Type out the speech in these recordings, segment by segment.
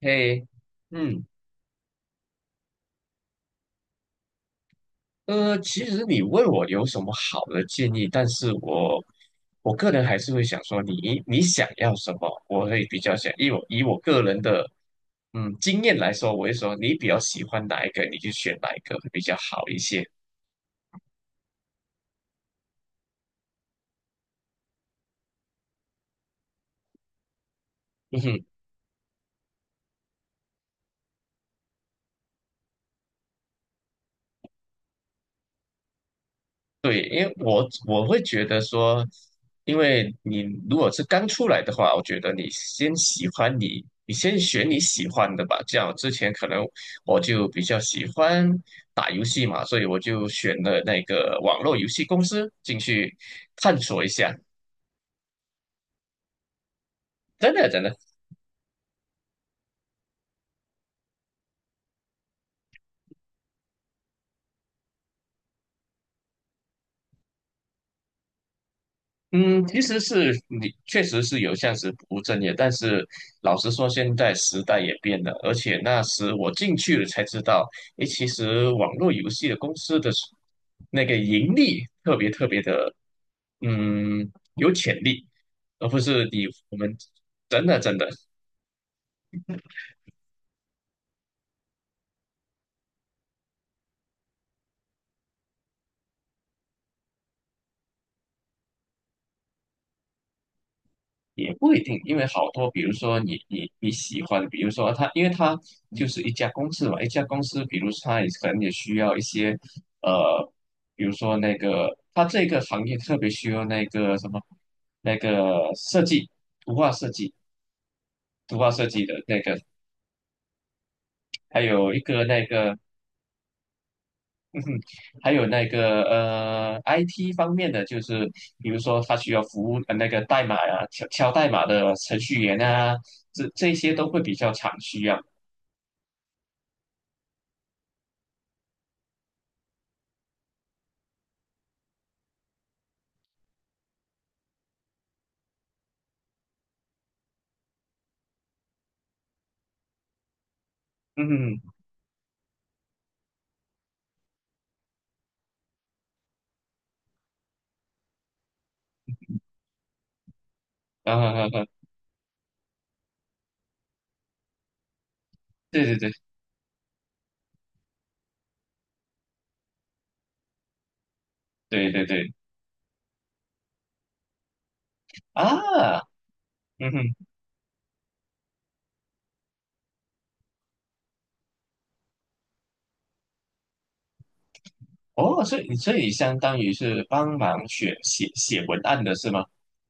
嘿，嗯，其实你问我有什么好的建议，但是我个人还是会想说你想要什么，我会比较想，以我个人的经验来说，我会说你比较喜欢哪一个，你就选哪一个会比较好一些。对，因为我会觉得说，因为你如果是刚出来的话，我觉得你先选你喜欢的吧。这样之前可能我就比较喜欢打游戏嘛，所以我就选了那个网络游戏公司进去探索一下。真的真的，嗯，其实是你确实是有这样子不务正业，但是老实说，现在时代也变了，而且那时我进去了才知道，诶，其实网络游戏的公司的那个盈利特别特别的，嗯，有潜力，而不是我们。真的真的。也不一定，因为好多，比如说你喜欢的比如说他，因为他就是一家公司嘛，一家公司，比如说他也可能也需要一些，呃，比如说那个他这个行业特别需要那个什么，那个设计，图画设计，图画设计的那个，还有一个那个。还有那个IT 方面的，就是比如说他需要服务那个代码呀、敲敲代码的程序员啊，这些都会比较常需要。嗯哼，嗯哼哼哼，对对对对对，对啊，嗯哼。哦，所以相当于是帮忙写文案的是吗？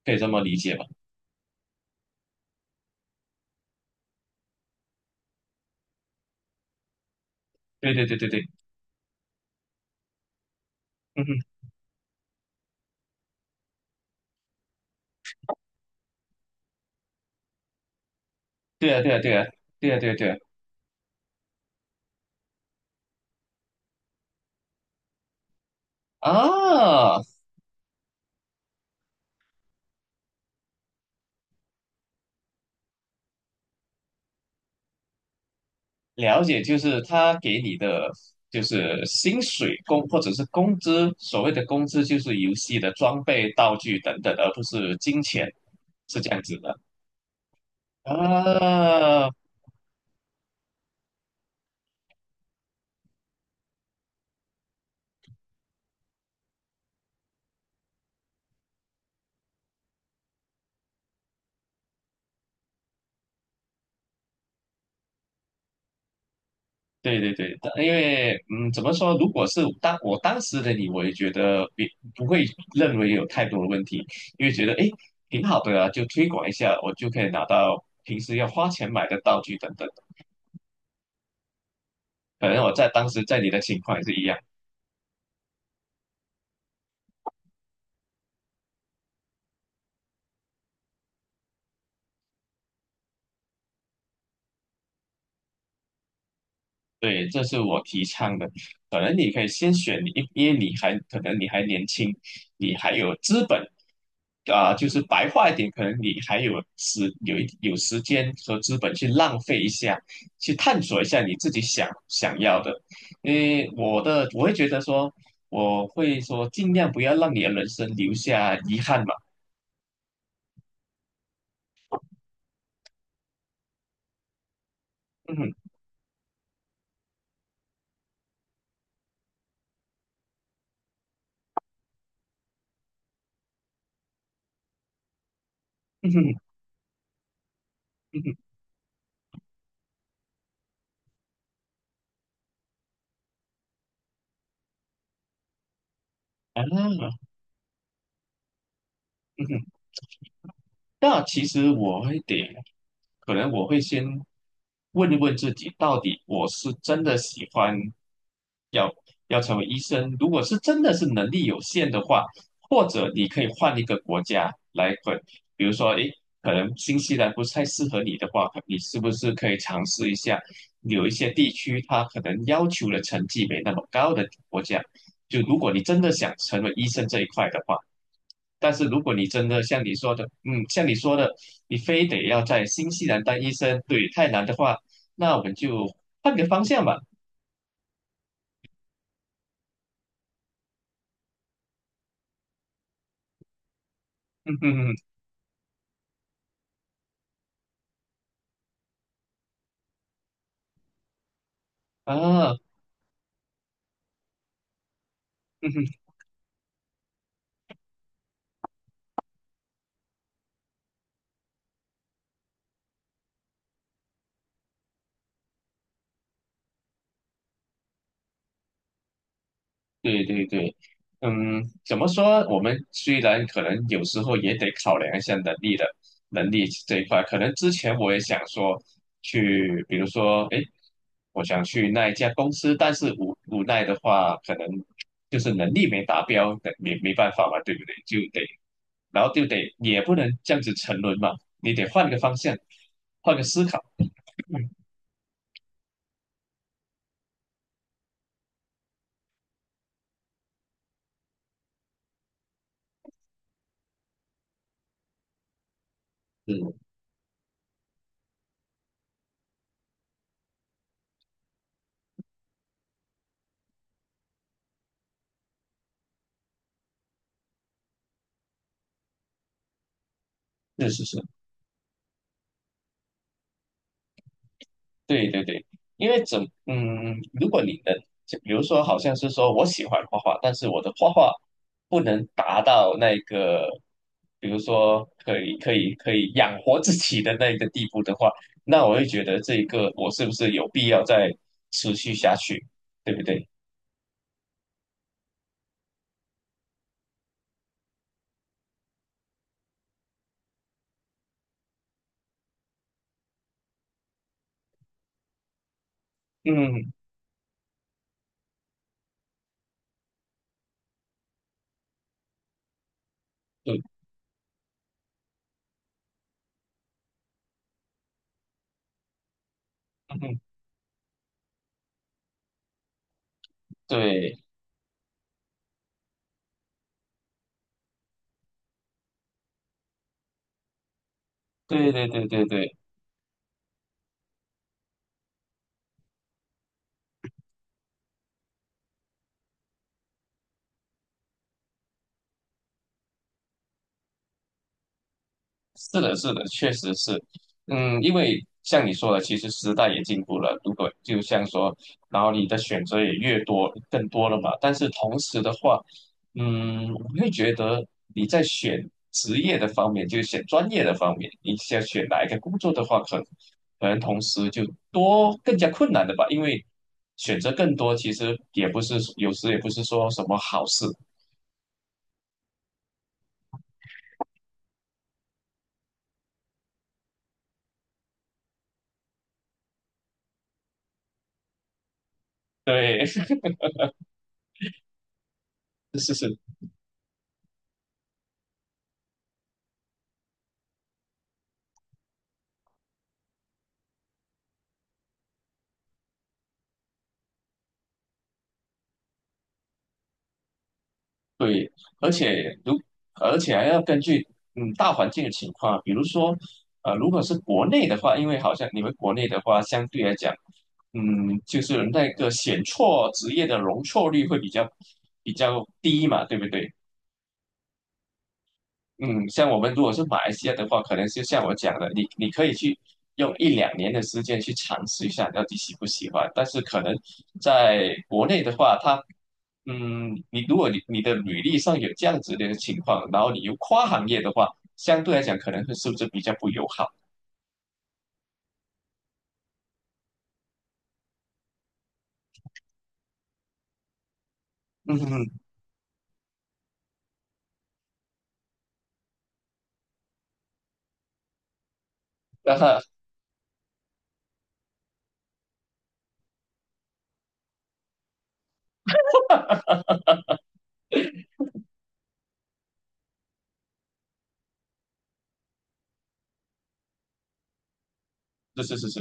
可以这么理解吗？对对对对对，嗯哼，对啊对啊对啊对啊对啊对啊，啊，了解，就是他给你的就是薪水工或者是工资，所谓的工资就是游戏的装备、道具等等，而不是金钱，是这样子的啊。对对对，但因为怎么说？如果是当时的你，我也觉得也不会认为有太多的问题，因为觉得诶挺好的啊，就推广一下，我就可以拿到平时要花钱买的道具等等。可能我在当时在你的情况也是一样。对，这是我提倡的。可能你可以先选你一，因为你还可能你还年轻，你还有资本啊、就是白话一点，可能你还有时间和资本去浪费一下，去探索一下你自己想要的。因为我会觉得说，我会说尽量不要让你的人生留下遗憾嘛。嗯哼，嗯哼，嗯哼，啊，嗯哼。那其实我会得，可能我会先问一问自己，到底我是真的喜欢要要成为医生？如果是真的是能力有限的话，或者你可以换一个国家来混，比如说，诶，可能新西兰不太适合你的话，你是不是可以尝试一下有一些地区它可能要求的成绩没那么高的国家？就如果你真的想成为医生这一块的话。但是如果你真的像你说的，你非得要在新西兰当医生，对，太难的话，那我们就换个方向吧。嗯哼哼，嗯啊，嗯哼。对对对，怎么说？我们虽然可能有时候也得考量一下能力这一块，可能之前我也想说去，比如说，哎，我想去那一家公司，但是无奈的话，可能就是能力没达标，没办法嘛，对不对？然后就得也不能这样子沉沦嘛，你得换个方向，换个思考。嗯，是是是。对对对，因为怎如果你能，就比如说，好像是说我喜欢画画，但是我的画画不能达到那个，比如说可以养活自己的那个地步的话，那我会觉得这个我是不是有必要再持续下去，对不对？嗯，对，嗯，对，对对对对对。是的，是的，确实是，嗯，因为像你说的，其实时代也进步了，如果就像说，然后你的选择也越多，更多了嘛。但是同时的话，我会觉得你在选职业的方面，就是选专业的方面，你想选哪一个工作的话，可能同时就多更加困难的吧，因为选择更多，其实也不是有时也不是说什么好事。对，是是是。对，而且如而且还要根据大环境的情况，比如说如果是国内的话，因为好像你们国内的话，相对来讲，就是那个选错职业的容错率会比较低嘛，对不对？嗯，像我们如果是马来西亚的话，可能就像我讲的，你可以去用一两年的时间去尝试一下，到底喜不喜欢。但是可能在国内的话，你如果你你的履历上有这样子的情况，然后你又跨行业的话，相对来讲可能会是不是比较不友好？嗯，那哈，是是是是，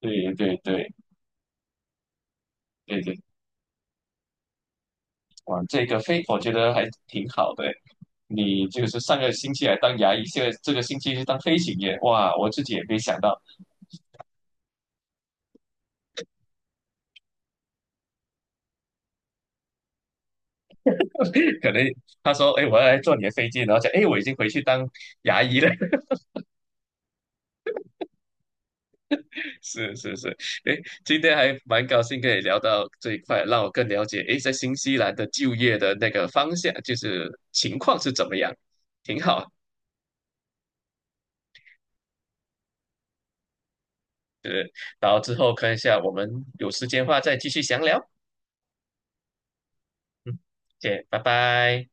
对对对对对。哇，这个非我觉得还挺好的。你就是上个星期还当牙医，现在这个星期是当飞行员，哇，我自己也没想到。可能他说，哎，我要来坐你的飞机，然后讲，哎，我已经回去当牙医了。是是是，哎，今天还蛮高兴跟你聊到这一块，让我更了解，哎，在新西兰的就业的那个方向，就是情况是怎么样，挺好。对。然后之后看一下，我们有时间的话再继续详聊。嗯，谢谢，拜拜。